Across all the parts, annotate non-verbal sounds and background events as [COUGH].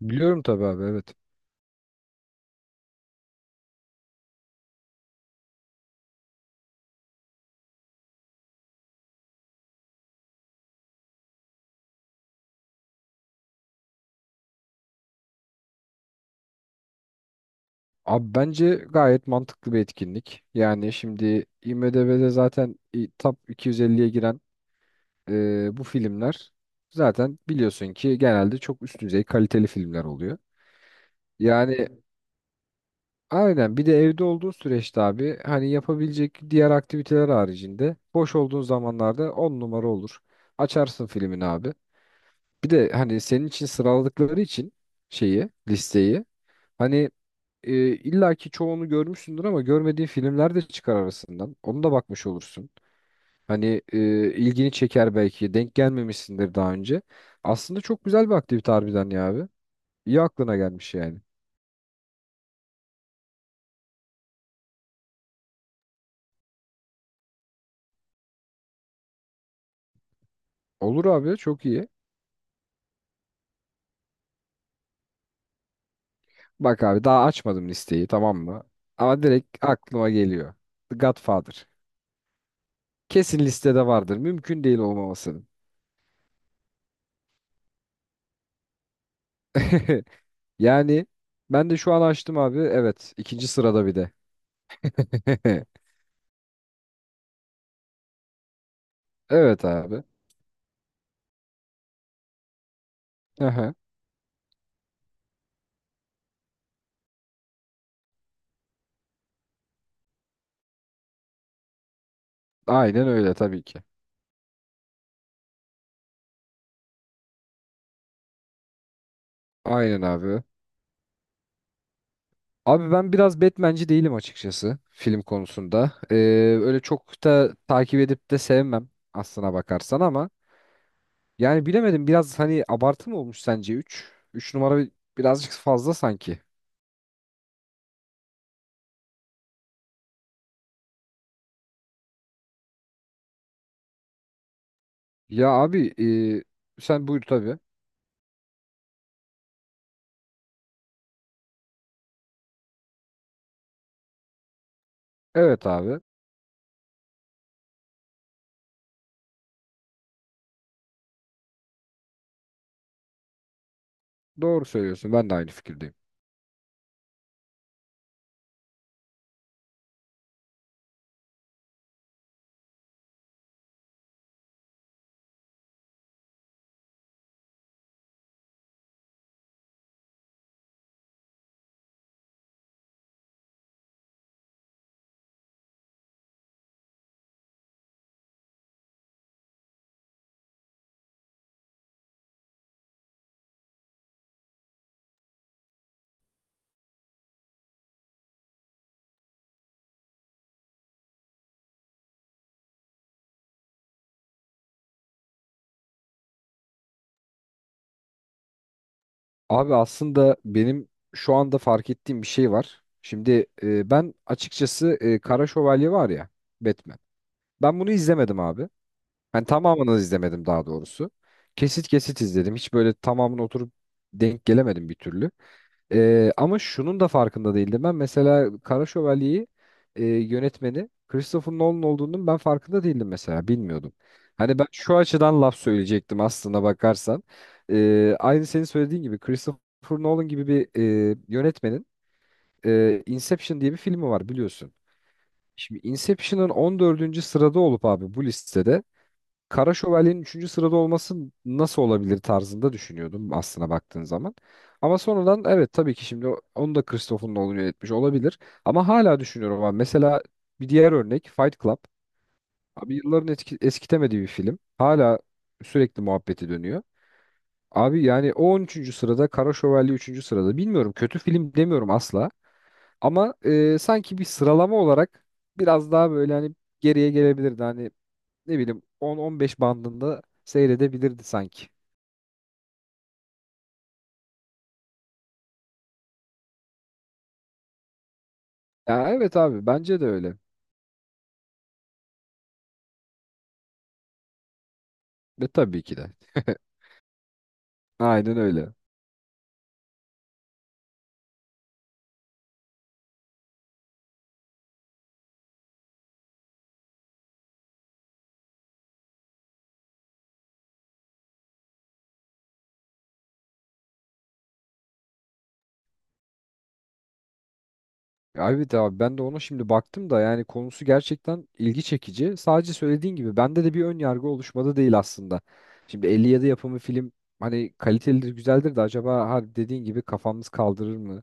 Biliyorum tabii abi, evet. Abi bence gayet mantıklı bir etkinlik. Yani şimdi IMDb'de zaten top 250'ye giren bu filmler zaten biliyorsun ki genelde çok üst düzey kaliteli filmler oluyor. Yani evet. Aynen, bir de evde olduğu süreçte abi hani yapabilecek diğer aktiviteler haricinde boş olduğun zamanlarda 10 numara olur. Açarsın filmini abi. Bir de hani senin için sıraladıkları için şeyi, listeyi. Hani illa ki çoğunu görmüşsündür ama görmediğin filmler de çıkar arasından. Onu da bakmış olursun. Hani ilgini çeker belki. Denk gelmemişsindir daha önce. Aslında çok güzel bir aktivite harbiden ya abi. İyi aklına gelmiş yani. Olur abi, çok iyi. Bak abi, daha açmadım listeyi, tamam mı? Ama direkt aklıma geliyor. The Godfather. Kesin listede vardır. Mümkün değil olmamasının. [LAUGHS] Yani ben de şu an açtım abi. Evet, ikinci sırada bir de. [LAUGHS] Evet abi. Aha. Aynen öyle tabii ki. Aynen abi. Abi ben biraz Batman'ci değilim açıkçası film konusunda. Öyle çok da takip edip de sevmem aslına bakarsan, ama yani bilemedim biraz, hani abartı mı olmuş sence? Üç numara birazcık fazla sanki. Ya abi, sen buyur tabii. Evet abi. Doğru söylüyorsun. Ben de aynı fikirdeyim. Abi aslında benim şu anda fark ettiğim bir şey var. Şimdi ben açıkçası, Kara Şövalye var ya, Batman. Ben bunu izlemedim abi. Ben tamamını izlemedim daha doğrusu. Kesit kesit izledim. Hiç böyle tamamını oturup denk gelemedim bir türlü. Ama şunun da farkında değildim. Ben mesela Kara Şövalye'yi, yönetmeni Christopher Nolan olduğunun ben farkında değildim mesela. Bilmiyordum. Hani ben şu açıdan laf söyleyecektim aslında bakarsan. Aynı senin söylediğin gibi Christopher Nolan gibi bir yönetmenin, Inception diye bir filmi var biliyorsun. Şimdi Inception'ın on dördüncü sırada olup abi bu listede Kara Şövalye'nin üçüncü sırada olması nasıl olabilir tarzında düşünüyordum aslına baktığın zaman. Ama sonradan, evet tabii ki şimdi onu da Christopher Nolan yönetmiş olabilir. Ama hala düşünüyorum abi. Mesela bir diğer örnek Fight Club. Abi yılların etki, eskitemediği bir film. Hala sürekli muhabbeti dönüyor. Abi yani o on üçüncü sırada, Kara Şövalye üçüncü sırada. Bilmiyorum, kötü film demiyorum asla. Ama sanki bir sıralama olarak biraz daha böyle hani geriye gelebilirdi. Hani ne bileyim, 10-15 bandında seyredebilirdi sanki. Ya evet abi, bence de öyle. Ve tabii ki de. [LAUGHS] Aynen öyle. Abi de abi ben de ona şimdi baktım da yani konusu gerçekten ilgi çekici. Sadece söylediğin gibi bende de bir ön yargı oluşmadı değil aslında. Şimdi 57 yapımı film hani kalitelidir, güzeldir de acaba ha, dediğin gibi kafamız kaldırır mı?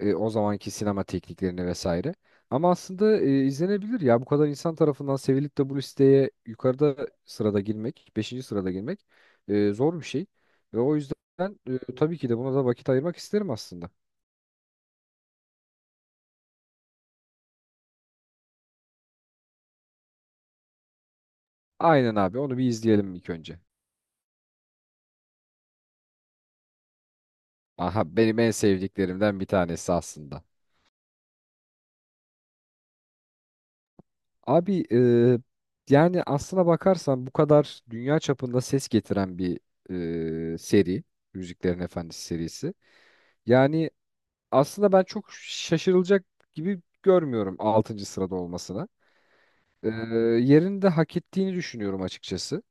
O zamanki sinema tekniklerini vesaire. Ama aslında izlenebilir ya, bu kadar insan tarafından sevilip de bu listeye yukarıda sırada girmek, beşinci sırada girmek zor bir şey. Ve o yüzden tabii ki de buna da vakit ayırmak isterim aslında. Aynen abi, onu bir izleyelim ilk önce. Aha, benim en sevdiklerimden bir tanesi aslında. Abi yani aslına bakarsan, bu kadar dünya çapında ses getiren bir seri. Yüzüklerin Efendisi serisi. Yani aslında ben çok şaşırılacak gibi görmüyorum altıncı sırada olmasına. Ee, yerini de hak ettiğini düşünüyorum açıkçası.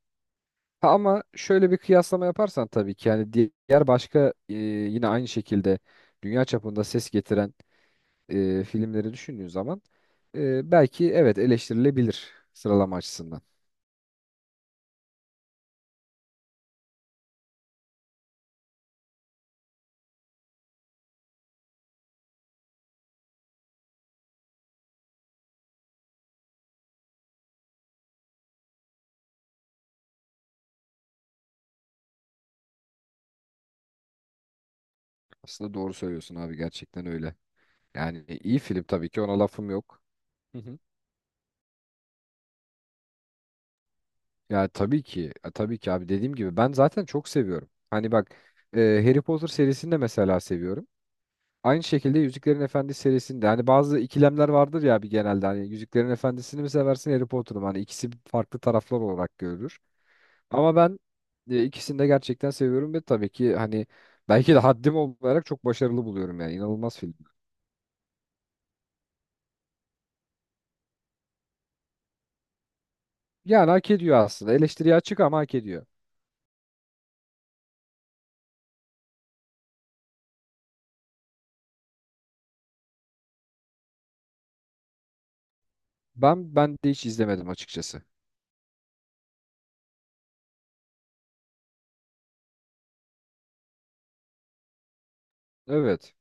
Ha, ama şöyle bir kıyaslama yaparsan tabii ki yani diğer başka yine aynı şekilde dünya çapında ses getiren filmleri düşündüğün zaman, belki evet eleştirilebilir sıralama açısından. Aslında doğru söylüyorsun abi, gerçekten öyle. Yani iyi film tabii ki, ona lafım yok. Ya tabii ki, ya tabii ki abi, dediğim gibi ben zaten çok seviyorum. Hani bak, e, Harry Potter serisini de mesela seviyorum. Aynı şekilde Yüzüklerin Efendisi serisinde, hani bazı ikilemler vardır ya abi, genelde hani Yüzüklerin Efendisi'ni mi seversin Harry Potter'ı mı? Hani ikisi farklı taraflar olarak görülür. Ama ben ikisini de gerçekten seviyorum ve tabii ki hani belki de haddim olarak çok başarılı buluyorum, yani inanılmaz film. Yani hak ediyor aslında, eleştiriye açık ama hak ediyor. Ben de hiç izlemedim açıkçası. Evet.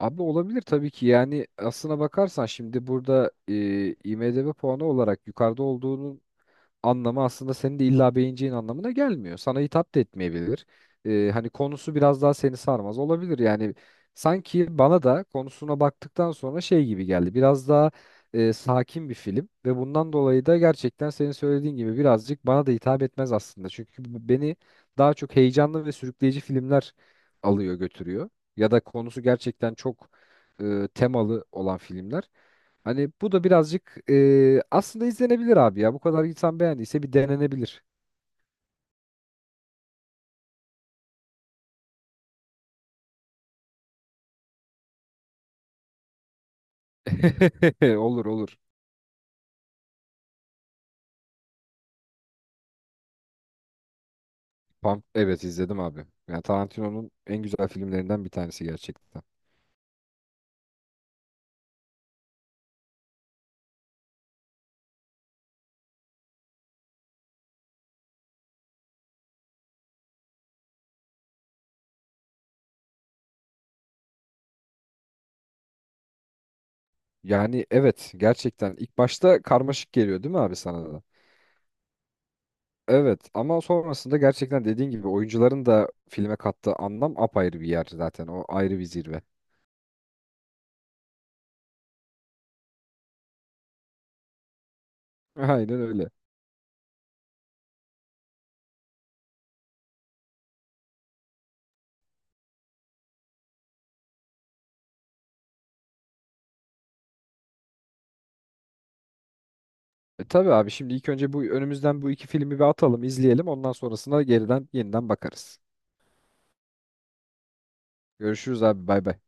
Abi olabilir tabii ki, yani aslına bakarsan şimdi burada IMDb puanı olarak yukarıda olduğunun anlamı aslında senin de illa beğeneceğin anlamına gelmiyor. Sana hitap da etmeyebilir. Hani konusu biraz daha seni sarmaz olabilir. Yani sanki bana da konusuna baktıktan sonra şey gibi geldi. Biraz daha sakin bir film ve bundan dolayı da gerçekten senin söylediğin gibi birazcık bana da hitap etmez aslında. Çünkü beni daha çok heyecanlı ve sürükleyici filmler alıyor götürüyor. Ya da konusu gerçekten çok temalı olan filmler. Hani bu da birazcık aslında izlenebilir abi ya. Bu kadar insan beğendiyse bir denenebilir. [LAUGHS] Olur olur. Pump, evet izledim abi. Yani Tarantino'nun en güzel filmlerinden bir tanesi gerçekten. Yani evet, gerçekten ilk başta karmaşık geliyor değil mi abi, sana da? Evet ama sonrasında gerçekten dediğin gibi oyuncuların da filme kattığı anlam apayrı bir yer zaten. O ayrı bir zirve. [LAUGHS] Aynen öyle. E, tabii abi, şimdi ilk önce bu önümüzden bu iki filmi bir atalım, izleyelim. Ondan sonrasında geriden yeniden bakarız. Görüşürüz abi, bay bay.